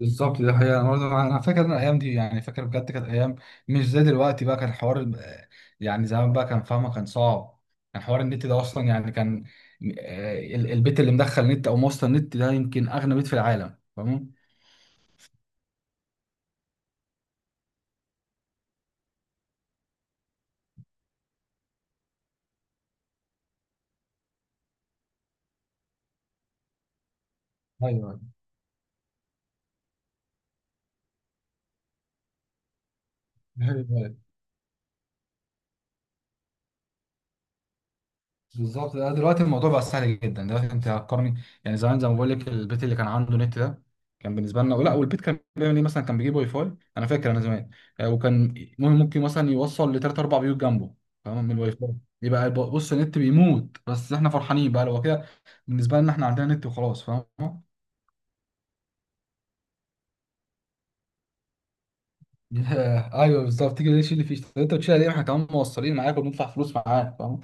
بالظبط ده حقيقة. أنا برضه فاكر إن الأيام دي، يعني فاكر بجد، كانت أيام مش زي دلوقتي بقى. كان حوار زمان بقى، كان فاهمة كان صعب. كان حوار النت ده أصلا يعني كان، البيت اللي مدخل نت أو موصل نت ده يمكن أغنى بيت في العالم، فاهم؟ ايوه، أيوة. بالظبط. لا، دلوقتي الموضوع بقى سهل جدا. دلوقتي انت هتقارني؟ يعني زمان زي ما بقول لك، البيت اللي كان عنده نت ده كان بالنسبه لنا، لا، والبيت كان بيعمل ايه مثلا؟ كان بيجيب واي فاي. انا فاكر انا زمان، وكان مهم، ممكن مثلا يوصل لثلاث اربع بيوت جنبه، فاهم؟ من الواي فاي. يبقى بص، النت بيموت، بس احنا فرحانين بقى لو كده. بالنسبه لنا احنا عندنا نت وخلاص، فاهم؟ ايوه بالظبط. تيجي تشيل اللي فيه، طب انت بتشيل ليه؟ ما احنا كمان موصلين معاك وبندفع فلوس معاك، فاهم؟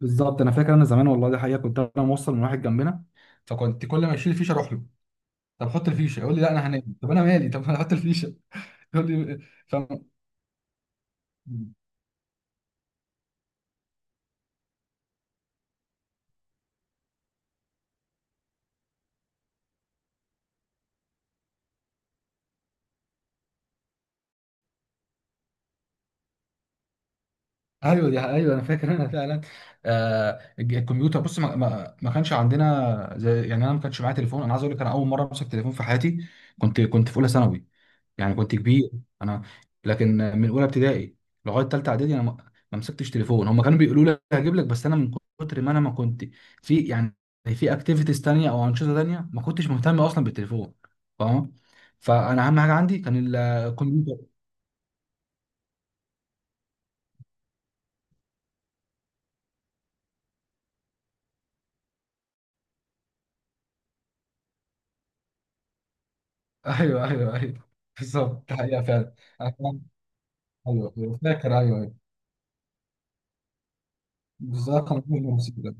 بالظبط. انا فاكر انا زمان، والله دي حقيقه، كنت انا موصل من واحد جنبنا، فكنت كل ما اشيل الفيشه اروح له، طب حط الفيشه، يقول لي لا انا هنام، طب انا مالي؟ طب انا حط الفيشه. يقول لي، فاهم؟ ايوه دي ايوه انا فاكر انا فعلا. الكمبيوتر بص، ما كانش عندنا زي يعني. انا ما كانش معايا تليفون. انا عايز اقول لك انا اول مره امسك تليفون في حياتي كنت في اولى ثانوي، يعني كنت كبير. انا لكن من اولى ابتدائي لغايه ثالثه اعدادي انا ما مسكتش تليفون. هم كانوا بيقولوا لي هجيب لك، بس انا من كتر ما انا ما كنت في، يعني في اكتيفيتيز تانية او انشطه تانية، ما كنتش مهتم اصلا بالتليفون، فاهم؟ فانا اهم حاجه عندي كان الكمبيوتر. ايوه ايوه ايوه. بالظبط ده حقيقه فعلا. انا كمان- ايوه ايوه، فاكر، ايوه ايوه. بالظبط كان في الموسيقى.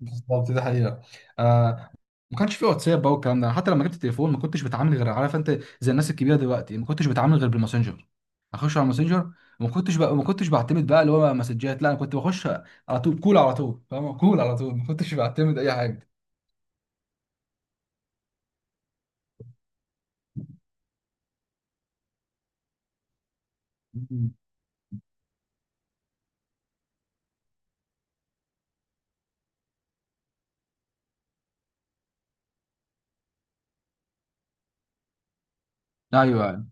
بالظبط ده حقيقه. آه. ما كانش في واتساب بقى والكلام ده. حتى لما جبت التليفون ما كنتش بتعامل، غير عارف انت زي الناس الكبيره دلوقتي، ما كنتش بتعامل غير بالماسنجر. اخش على الماسنجر، وما كنتش بقى، ما كنتش بعتمد بقى اللي هو بقى مسجات، لا انا كنت بخش على طول كول، على طول، فاهم؟ كول على طول، ما كنتش بعتمد اي حاجه. مم. ايوه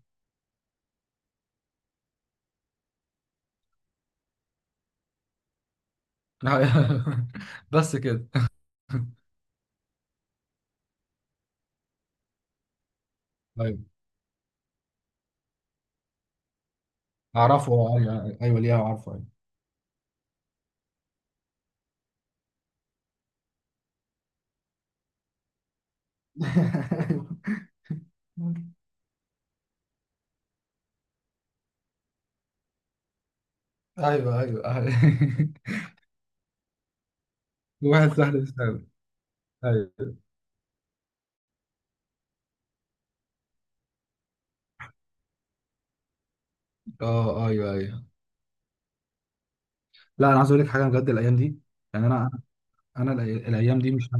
ايوه. بس كده. ايوه اعرفه، ايوه ايوه، ليه اعرفه، ايوه. ايوه ايوه، أيوة. واحد سهل يستوعب. ايوه. اه ايوه ايوه. لا انا عايز اقول لك حاجه بجد، الايام دي يعني انا، انا الايام دي مش،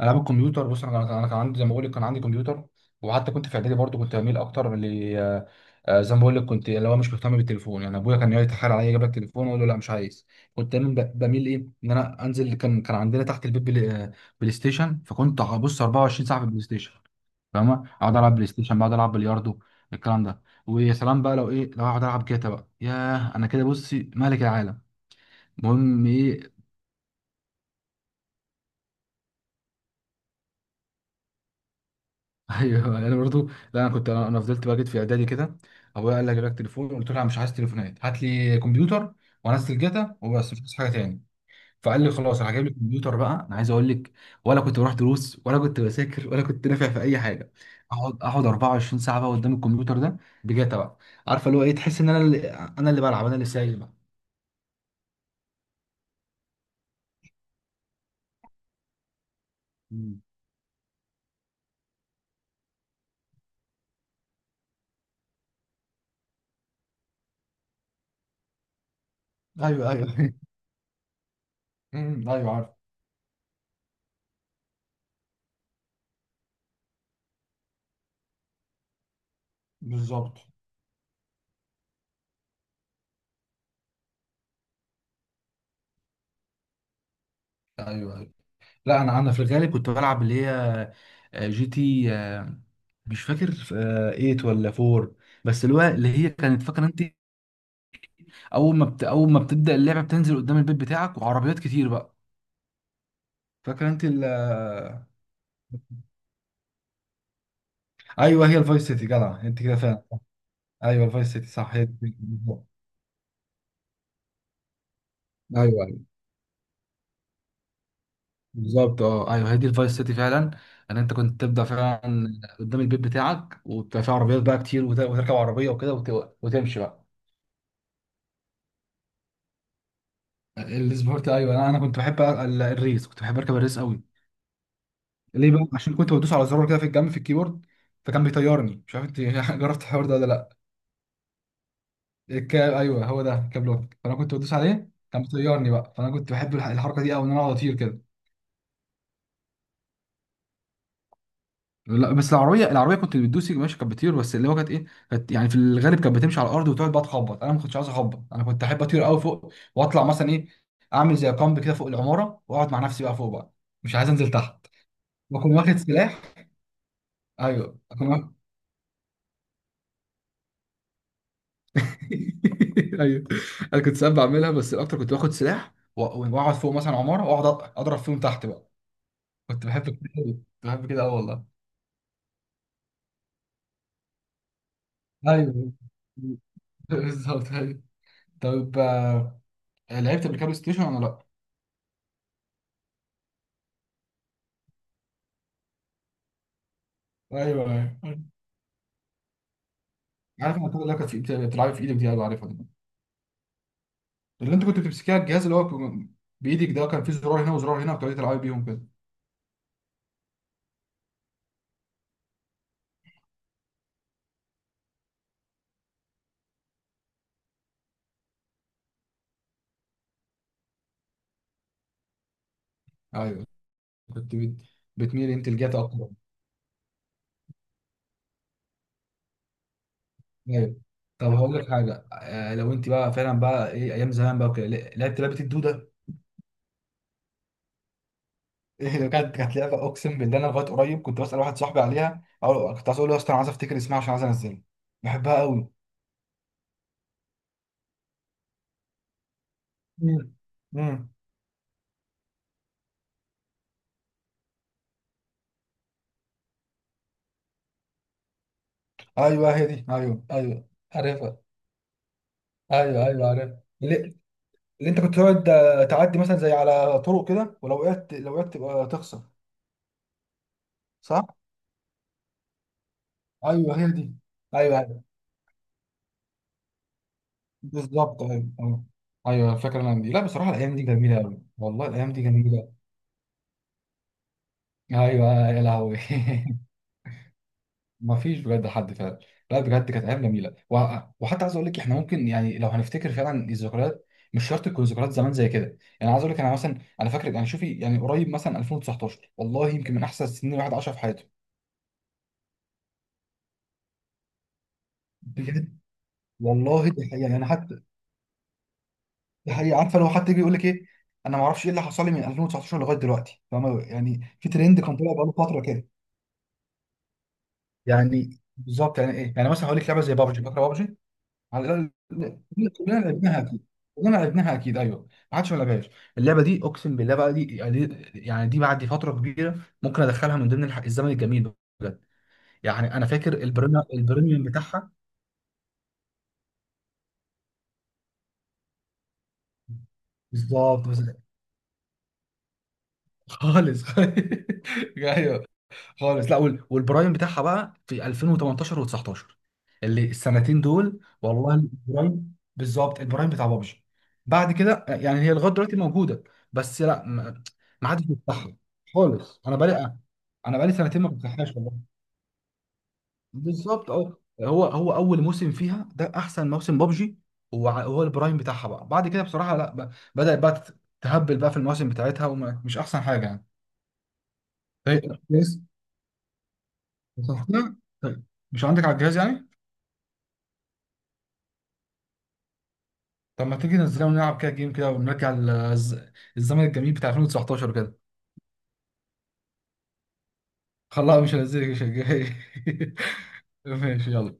العاب الكمبيوتر بص، أنا كان عندي زي ما بقول لك، كان عندي كمبيوتر، وحتى كنت في اعدادي برضو كنت بميل اكتر ل، آه، زي ما بقول لك كنت اللي هو مش مهتم بالتليفون. يعني ابويا كان يقعد يتحايل عليا اجيب لك تليفون، اقول له لا مش عايز. كنت دايما بميل ايه، ان انا انزل. كان عندنا تحت البيت بلاي ستيشن، فكنت هبص 24 ساعه في البلاي ستيشن، فاهمه؟ اقعد العب بلاي ستيشن، بقعد العب بلياردو، الكلام ده. ويا سلام بقى لو ايه، لو اقعد العب جاتا بقى، ياه، انا كده بصي ملك العالم. المهم ايه، ايوه انا برضو. لا انا كنت، انا فضلت بقى جيت في اعدادي كده، ابويا قال لي اجيب لك تليفون، قلت له انا مش عايز تليفونات، هات لي كمبيوتر وانزل جاتا وبس، مش عايز حاجه تاني. فقال لي خلاص انا هجيب لك كمبيوتر. بقى انا عايز اقول لك، ولا كنت بروح دروس ولا كنت بذاكر ولا كنت نافع في اي حاجه. اقعد 24 ساعه بقى قدام الكمبيوتر ده بجاتا بقى. عارفه اللي هو ايه؟ تحس ان انا اللي، انا اللي بلعب، انا اللي سايق بقى. مم. ايوه ايوه. أمم، ايوه عارف. بالظبط ايوه ايوه. لا انا في الغالب كنت بلعب اللي هي، جي تي مش فاكر 8 ولا 4، بس الوقت اللي هي كانت، فاكره انت اول ما بت... اول ما بتبدا اللعبه بتنزل قدام البيت بتاعك وعربيات كتير بقى، فاكره انت ال... آه، ايوه هي الفايس سيتي، جدع انت كده فعلا. ايوه الفايس سيتي صح، هي دي. بالظبط. ايوه ايوه بالظبط. اه ايوه هي دي الفايس سيتي فعلا. ان انت كنت تبدا فعلا قدام البيت بتاعك، وبتبقى فيه عربيات بقى كتير، وتركب عربيه وكده، وتمشي بقى. السبورت ايوه، أنا كنت بحب الريس، كنت بحب اركب الريس قوي. ليه بقى؟ عشان كنت بدوس على زرار كده في الجنب في الكيبورد فكان بيطيرني. مش عارف انت جربت الحوار ده ولا لا. الكاب ايوه، هو ده كابلوك، فانا كنت بدوس عليه كان بيطيرني بقى، فانا كنت بحب الحركه دي قوي، ان انا اقعد اطير كده. لا بس، العربيه كنت بتدوسي ماشي كانت بتطير، بس اللي هو كانت ايه، كانت يعني في الغالب كانت بتمشي على الارض، وتقعد بقى تخبط. انا ما كنتش عايز اخبط، انا كنت احب اطير قوي فوق، واطلع مثلا ايه، اعمل زي كامب كده فوق العماره، واقعد مع نفسي بقى فوق بقى، مش عايز انزل تحت. واكون واخد سلاح. ايوه اكون، ايوه. انا كنت ساعات بعملها، بس الاكتر كنت باخد سلاح واقعد فوق مثلا عماره، واقعد اضرب فيهم تحت بقى. كنت بحب كده أوي. كنت بحب كده، اه والله. ايوه بالظبط ايوه. طب لعبت قبل كده بلاي ستيشن ولا لا؟ ايوه ايوه عارف، انا اللي كانت في بتلعبي في ايدك دي، ايوه عارفها دي، اللي انت كنت بتمسكيها، الجهاز اللي هو كان بايدك ده، كان فيه زرار هنا وزرار هنا وبتقعدي تلعبي بيهم كده. ايوه. كنت بتميل انت لجاتا اكتر. ايوه. طب هقول لك حاجه، لو انت بقى فعلا بقى ايه، ايام زمان بقى وكده، لعبت لعبه الدوده؟ ايه، لو كانت، كانت لعبه اقسم بالله انا لغايه قريب كنت بسال واحد صاحبي عليها، او كنت عايز اقول له يا اسطى انا عايز افتكر اسمها عشان عايز انزلها، بحبها قوي. امم. امم. ايوه هي دي ايوه ايوه. عارفها. ايوه ايوه عارفها، اللي انت كنت تقعد تعدي مثلا زي على طرق كده، ولو وقعت، لو وقعت تبقى تخسر، صح؟ ايوه هي دي، ايوه، بالظبط. ايوه ايوه ايوه، فاكر الايام دي. لا بصراحه الايام دي جميله قوي، والله الايام دي جميله. ايوه يا لهوي، ما فيش بجد حد فعلا. لا بجد كانت ايام جميله، وحتى عايز اقول لك احنا ممكن، يعني لو هنفتكر فعلا الذكريات، مش شرط تكون ذكريات زمان زي كده. يعني عايز اقول لك انا مثلا، انا فاكر يعني، شوفي يعني قريب مثلا 2019، والله يمكن من احسن السنين الواحد عاشها في حياته. بجد. والله دي حقيقه يعني، حتى دي حقيقه. عارفه لو حد يجي يقول لك ايه، انا ما اعرفش ايه اللي حصل لي من 2019 لغايه دلوقتي، فاهمه؟ يعني في ترند كان طالع بقاله فتره كده يعني. بالظبط، يعني ايه؟ يعني مثلا هقول لك لعبه زي بابجي، فاكره بابجي؟ على الأقل كلنا لعبناها اكيد، كلنا لعبناها اكيد، ايوه ما حدش ما لعبهاش. اللعبه دي اقسم بالله بقى، دي يعني، يعني دي بعد فتره كبيره ممكن ادخلها من ضمن الزمن الجميل، بجد. يعني انا فاكر البريميوم، البريميوم بتاعها. بالظبط بس- خالص. ايوه خالص. لا والبرايم بتاعها بقى في 2018 و19، اللي السنتين دول، والله البرايم بالظبط، البرايم بتاع بابجي. بعد كده يعني هي لغايه دلوقتي موجوده، بس لا ما، ما حدش بيفتحها خالص. انا بقالي انا بقالي سنتين ما بفتحهاش والله. بالظبط. اه هو، هو اول موسم فيها ده احسن موسم بابجي. وهو البرايم بتاعها بقى. بعد كده بصراحه لا بدات بقى تهبل بقى في المواسم بتاعتها، ومش احسن حاجه يعني. طيب، كويس. مسحتها؟ طيب، مش عندك على الجهاز يعني. طب ما تيجي ننزلها ونلعب كده جيم كده، ونرجع الزمن الجميل بتاع 2019 كده. خلاص مش هنزلك، مش هنزلك. ماشي، يلا.